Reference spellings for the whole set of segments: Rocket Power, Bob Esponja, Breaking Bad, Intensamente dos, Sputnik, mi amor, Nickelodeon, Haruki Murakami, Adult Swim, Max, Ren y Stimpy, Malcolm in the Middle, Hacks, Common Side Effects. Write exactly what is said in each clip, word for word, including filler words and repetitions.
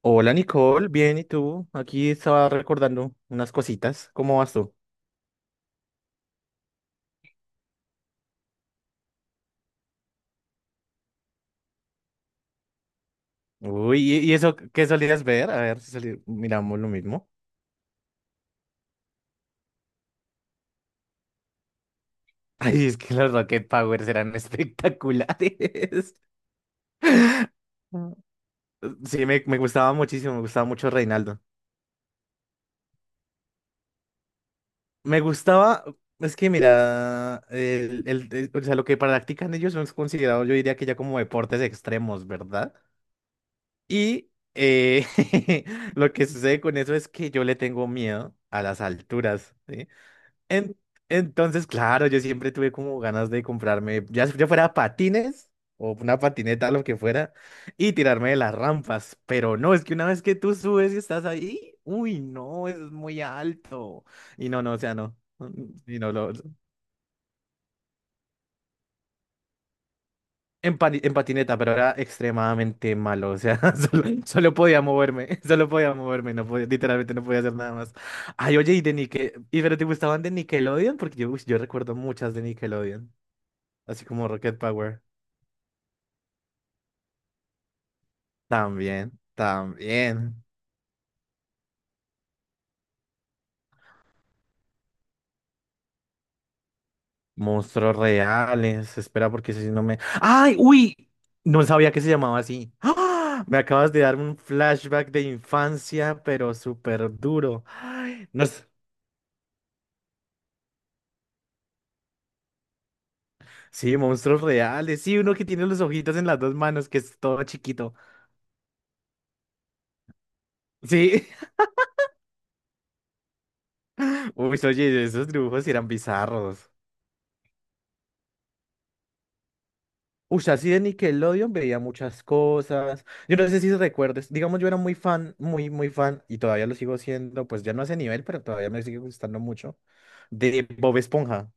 Hola Nicole, bien, ¿y tú? Aquí estaba recordando unas cositas. ¿Cómo vas tú? Uy, ¿y y eso qué solías ver? A ver si soli- miramos lo mismo. Ay, es que los Rocket Powers eran espectaculares. Mm. Sí, me, me gustaba muchísimo, me gustaba mucho Reinaldo. Me gustaba, es que mira, el, el- el- o sea, lo que practican ellos son considerados, yo diría que ya como deportes extremos, ¿verdad? Y eh, lo que sucede con eso es que yo le tengo miedo a las alturas, ¿sí? En- entonces, claro, yo siempre tuve como ganas de comprarme, ya, ya fuera patines o una patineta, lo que fuera, y tirarme de las rampas. Pero no, es que una vez que tú subes y estás ahí, uy, no, es muy alto. Y no, no, o sea, no. Y no, lo, En, pati- en patineta, pero era extremadamente malo. O sea, solo, solo podía moverme. Solo podía moverme. No podía, literalmente no podía hacer nada más. Ay, oye, y de Nickel. ¿Y pero te gustaban de Nickelodeon? Porque yo, uy, yo recuerdo muchas de Nickelodeon. Así como Rocket Power. También, también. Monstruos reales. Espera, porque si no me. ¡Ay! ¡Uy! No sabía que se llamaba así. ¡Ah! Me acabas de dar un flashback de infancia, pero súper duro. Ay, no sé. Sí, monstruos reales. Sí, uno que tiene los ojitos en las dos manos, que es todo chiquito. Sí. Uy, oye, esos dibujos eran bizarros. Uy, así de Nickelodeon veía muchas cosas. Yo no sé si recuerdes. Digamos, yo era muy fan, muy, muy fan, y todavía lo sigo siendo, pues ya no a ese nivel, pero todavía me sigue gustando mucho, de Bob Esponja.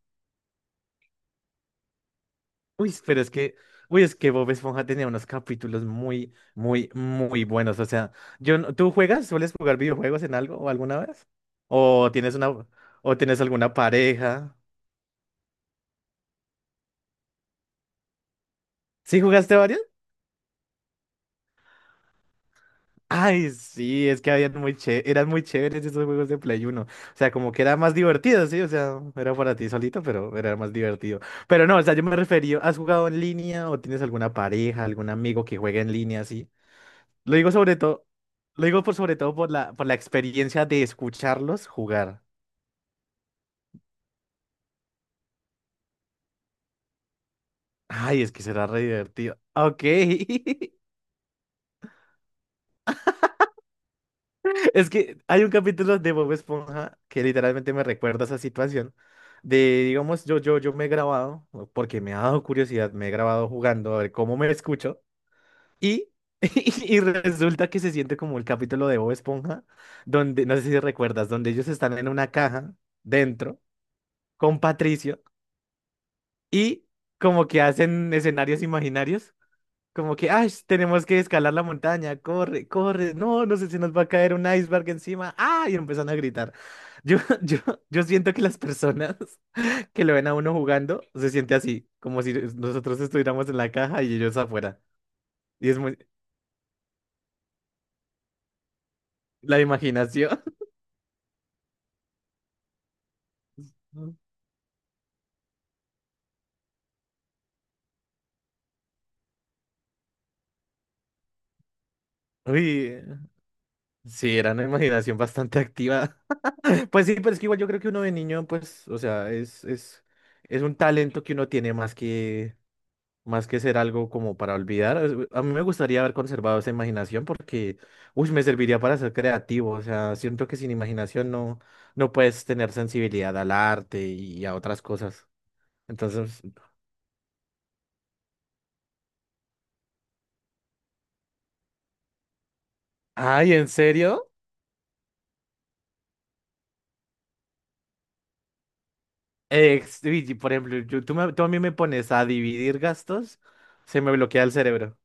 Uy, pero es que, uy, es que Bob Esponja tenía unos capítulos muy, muy, muy buenos. O sea, yo, no- ¿tú juegas? ¿Sueles jugar videojuegos en algo o alguna vez? ¿O tienes una, o tienes alguna pareja? ¿Sí jugaste varios? Ay, sí, es que habían muy ché- eran muy chéveres esos juegos de Play uno. O sea, como que era más divertido, sí, o sea, era para ti solito, pero era más divertido. Pero no, o sea, yo me refería, ¿has jugado en línea o tienes alguna pareja, algún amigo que juegue en línea, así? Lo digo sobre todo, lo digo por sobre todo por la, por la experiencia de escucharlos jugar. Ay, es que será re divertido. Ok. Es que hay un capítulo de Bob Esponja que literalmente me recuerda esa situación. De, digamos, yo, yo, yo me he grabado, porque me ha dado curiosidad, me he grabado jugando a ver cómo me escucho. Y, y resulta que se siente como el capítulo de Bob Esponja, donde, no sé si recuerdas, donde ellos están en una caja dentro con Patricio. Y como que hacen escenarios imaginarios, como que, ay, tenemos que escalar la montaña, corre, corre, no, no sé si nos va a caer un iceberg encima, ah, y empiezan a gritar. Yo, yo, yo siento que las personas que lo ven a uno jugando se siente así, como si nosotros estuviéramos en la caja y ellos afuera. Y es muy, la imaginación. Uy, sí, era una imaginación bastante activa. Pues sí, pero es que igual yo creo que uno de niño, pues, o sea, es, es, es un talento que uno tiene más que, más que ser algo como para olvidar, es- a mí me gustaría haber conservado esa imaginación porque, uy, me serviría para ser creativo. O sea, siento que sin imaginación no, no puedes tener sensibilidad al arte y a otras cosas. Entonces, ay, ¿en serio? Ex- uy, y por ejemplo, yo- tú, me- tú a mí me pones a dividir gastos, se me bloquea el cerebro.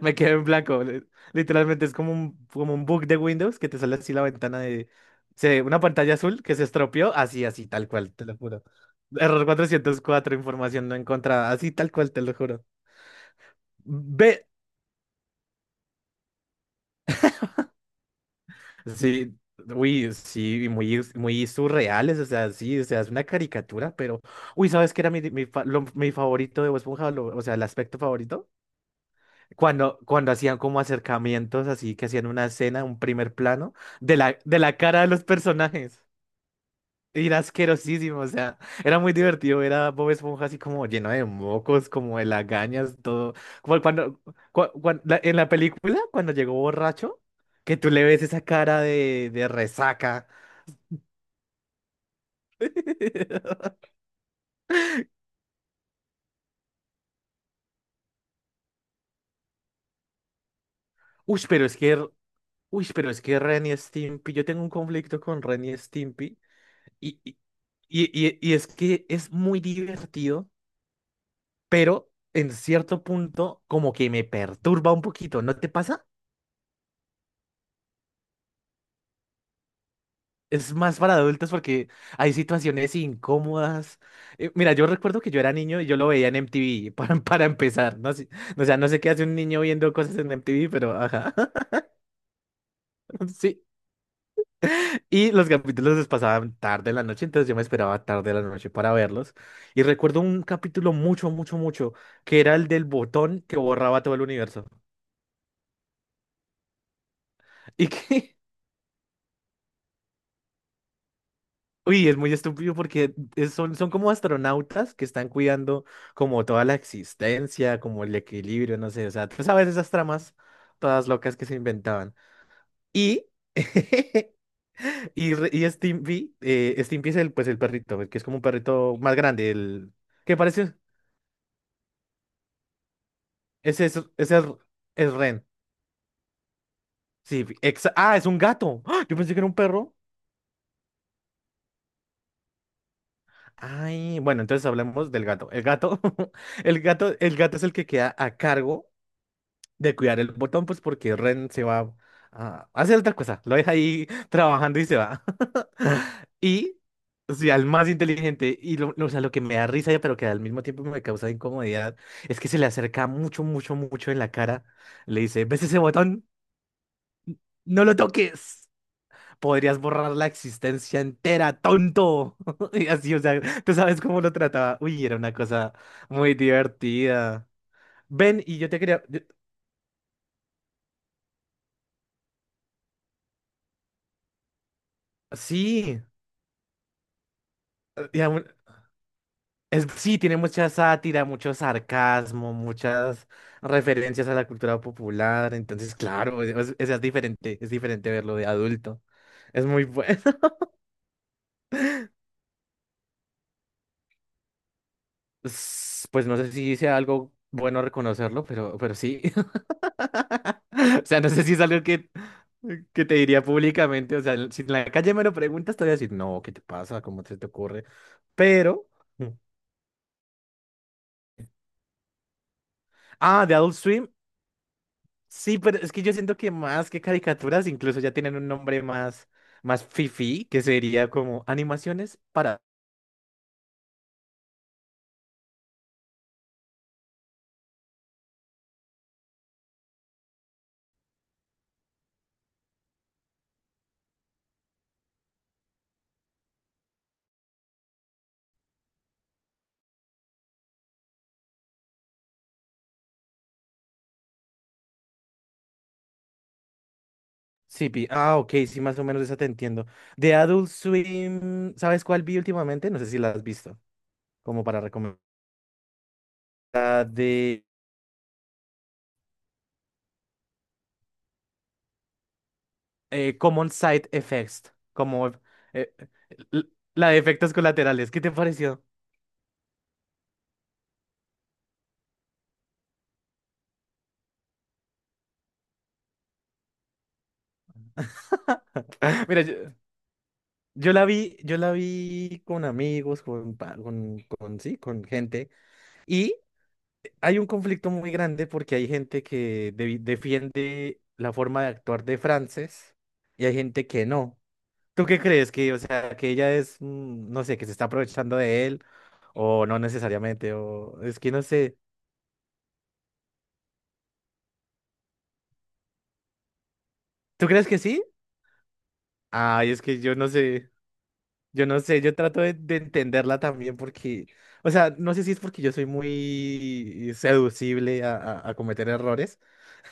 Me quedé en blanco. li- Literalmente es como un, como un bug de Windows que te sale así la ventana de... se- una pantalla azul que se estropeó, así, así, tal cual, te lo juro. Error cuatrocientos cuatro información no encontrada, así, tal cual, te lo juro. Ve. Sí, uy, sí, y muy, muy surreales, o sea, sí, o sea, es una caricatura, pero... Uy, ¿sabes qué era mi, mi, fa- lo- mi favorito de Bob Esponja? Lo- o sea, el aspecto favorito. Cuando, cuando hacían como acercamientos, así que hacían una escena, un primer plano, de la, de la cara de los personajes. Era asquerosísimo, o sea, era muy divertido ver a Bob Esponja así como lleno de mocos, como de lagañas, todo. Como cuando, cua- cuan- la- en la película, cuando llegó borracho, que tú le ves esa cara de, de resaca. Uy, pero es que, uy, pero es que Ren y Stimpy, yo tengo un conflicto con Ren y Stimpy. Y, y, y- y es que es muy divertido, pero en cierto punto como que me perturba un poquito, ¿no te pasa? Es más para adultos porque hay situaciones incómodas. Eh, mira, yo recuerdo que yo era niño y yo lo veía en M T V para, para empezar. No sé, o sea, no sé qué hace un niño viendo cosas en M T V, pero ajá, sí. Y los capítulos los pasaban tarde en la noche, entonces yo me esperaba tarde en la noche para verlos. Y recuerdo un capítulo mucho, mucho, mucho, que era el del botón que borraba todo el universo. Y que, uy, es muy estúpido porque es- son, son como astronautas que están cuidando como toda la existencia, como el equilibrio, no sé, o sea, tú sabes esas tramas todas locas que se inventaban. Y, y, re- y Stimpy, eh, Stimpy es el, pues, el perrito, el que es como un perrito más grande, el que parece, ese es, ese es, es Ren. Sí, exa- ah, es un gato. ¡Ah! Yo pensé que era un perro. Ay, bueno, entonces hablemos del gato. El gato, el gato, el gato es el que queda a cargo de cuidar el botón, pues porque Ren se va a hacer otra cosa, lo deja ahí trabajando y se va. Y, o sea, el más inteligente, y lo, lo- o sea, lo que me da risa, pero que al mismo tiempo me causa incomodidad, es que se le acerca mucho, mucho, mucho en la cara, le dice, ¿ves ese botón? No lo toques. Podrías borrar la existencia entera, tonto. Y así, o sea, tú sabes cómo lo trataba. Uy, era una cosa muy divertida. Ven, y yo te quería... yo- Sí, Es, sí, tiene mucha sátira, mucho sarcasmo, muchas referencias a la cultura popular. Entonces, claro, es, es- es diferente, es diferente verlo de adulto. Es muy bueno. S- Pues no sé si sea algo bueno reconocerlo, pero, pero sí. O sea, no sé si es algo que, que te diría públicamente. O sea, si en la calle me lo preguntas, te voy a decir, no, ¿qué te pasa? ¿Cómo se te ocurre? Pero... mm, ah, de Adult Swim. Sí, pero es que yo siento que más que caricaturas, incluso ya tienen un nombre más, más fifí, que sería como animaciones para... Sipi. Ah, ok, sí, más o menos esa te entiendo. De Adult Swim, ¿sabes cuál vi últimamente? No sé si la has visto, como para recomendar. La de eh, Common Side Effects, como eh, l- la de efectos colaterales. ¿Qué te pareció? Mira, yo, yo la vi, yo la vi con amigos, con, pa- con, con, sí, con gente. Hay un conflicto muy grande porque hay gente que debi- defiende la forma de actuar de Frances y hay gente que no. ¿Tú qué crees? Que, o sea, que ella es, mm, no sé, que se está aprovechando de él o no necesariamente, o es que no sé. ¿Tú crees que sí? Ay, es que yo no sé, yo no sé, yo trato de, de entenderla también porque, o sea, no sé si es porque yo soy muy seducible a, a a cometer errores.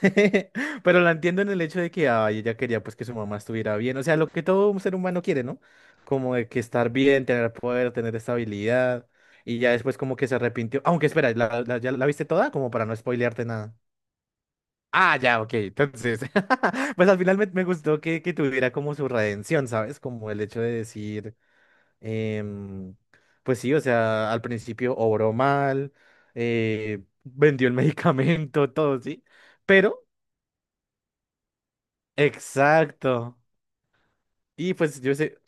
Pero la entiendo en el hecho de que ay, ella quería pues que su mamá estuviera bien, o sea, lo que todo un ser humano quiere, ¿no? Como de que estar bien, tener poder, tener estabilidad, y ya después como que se arrepintió. Aunque espera, ¿la, la- ya la viste toda? Como para no spoilearte nada. Ah, ya, ok, entonces, pues al final me, me gustó que, que tuviera como su redención, ¿sabes? Como el hecho de decir, em, pues sí, o sea, al principio obró mal, eh, vendió el medicamento, todo, ¿sí? Pero exacto. Y pues yo sé,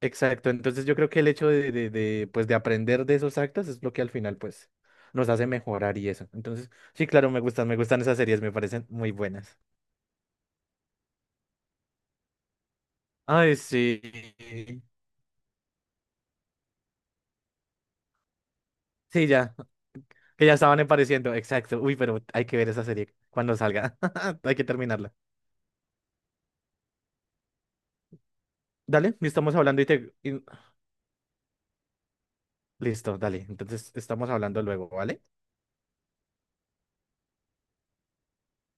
exacto. Entonces yo creo que el hecho de, de, de, pues de aprender de esos actos es lo que al final pues nos hace mejorar y eso. Entonces, sí, claro, me gustan, me gustan esas series, me parecen muy buenas. Ay, sí. Sí, ya, que ya estaban apareciendo, exacto. Uy, pero hay que ver esa serie cuando salga. Hay que terminarla. Dale, estamos hablando y te... y- Listo, dale. Entonces estamos hablando luego, ¿vale?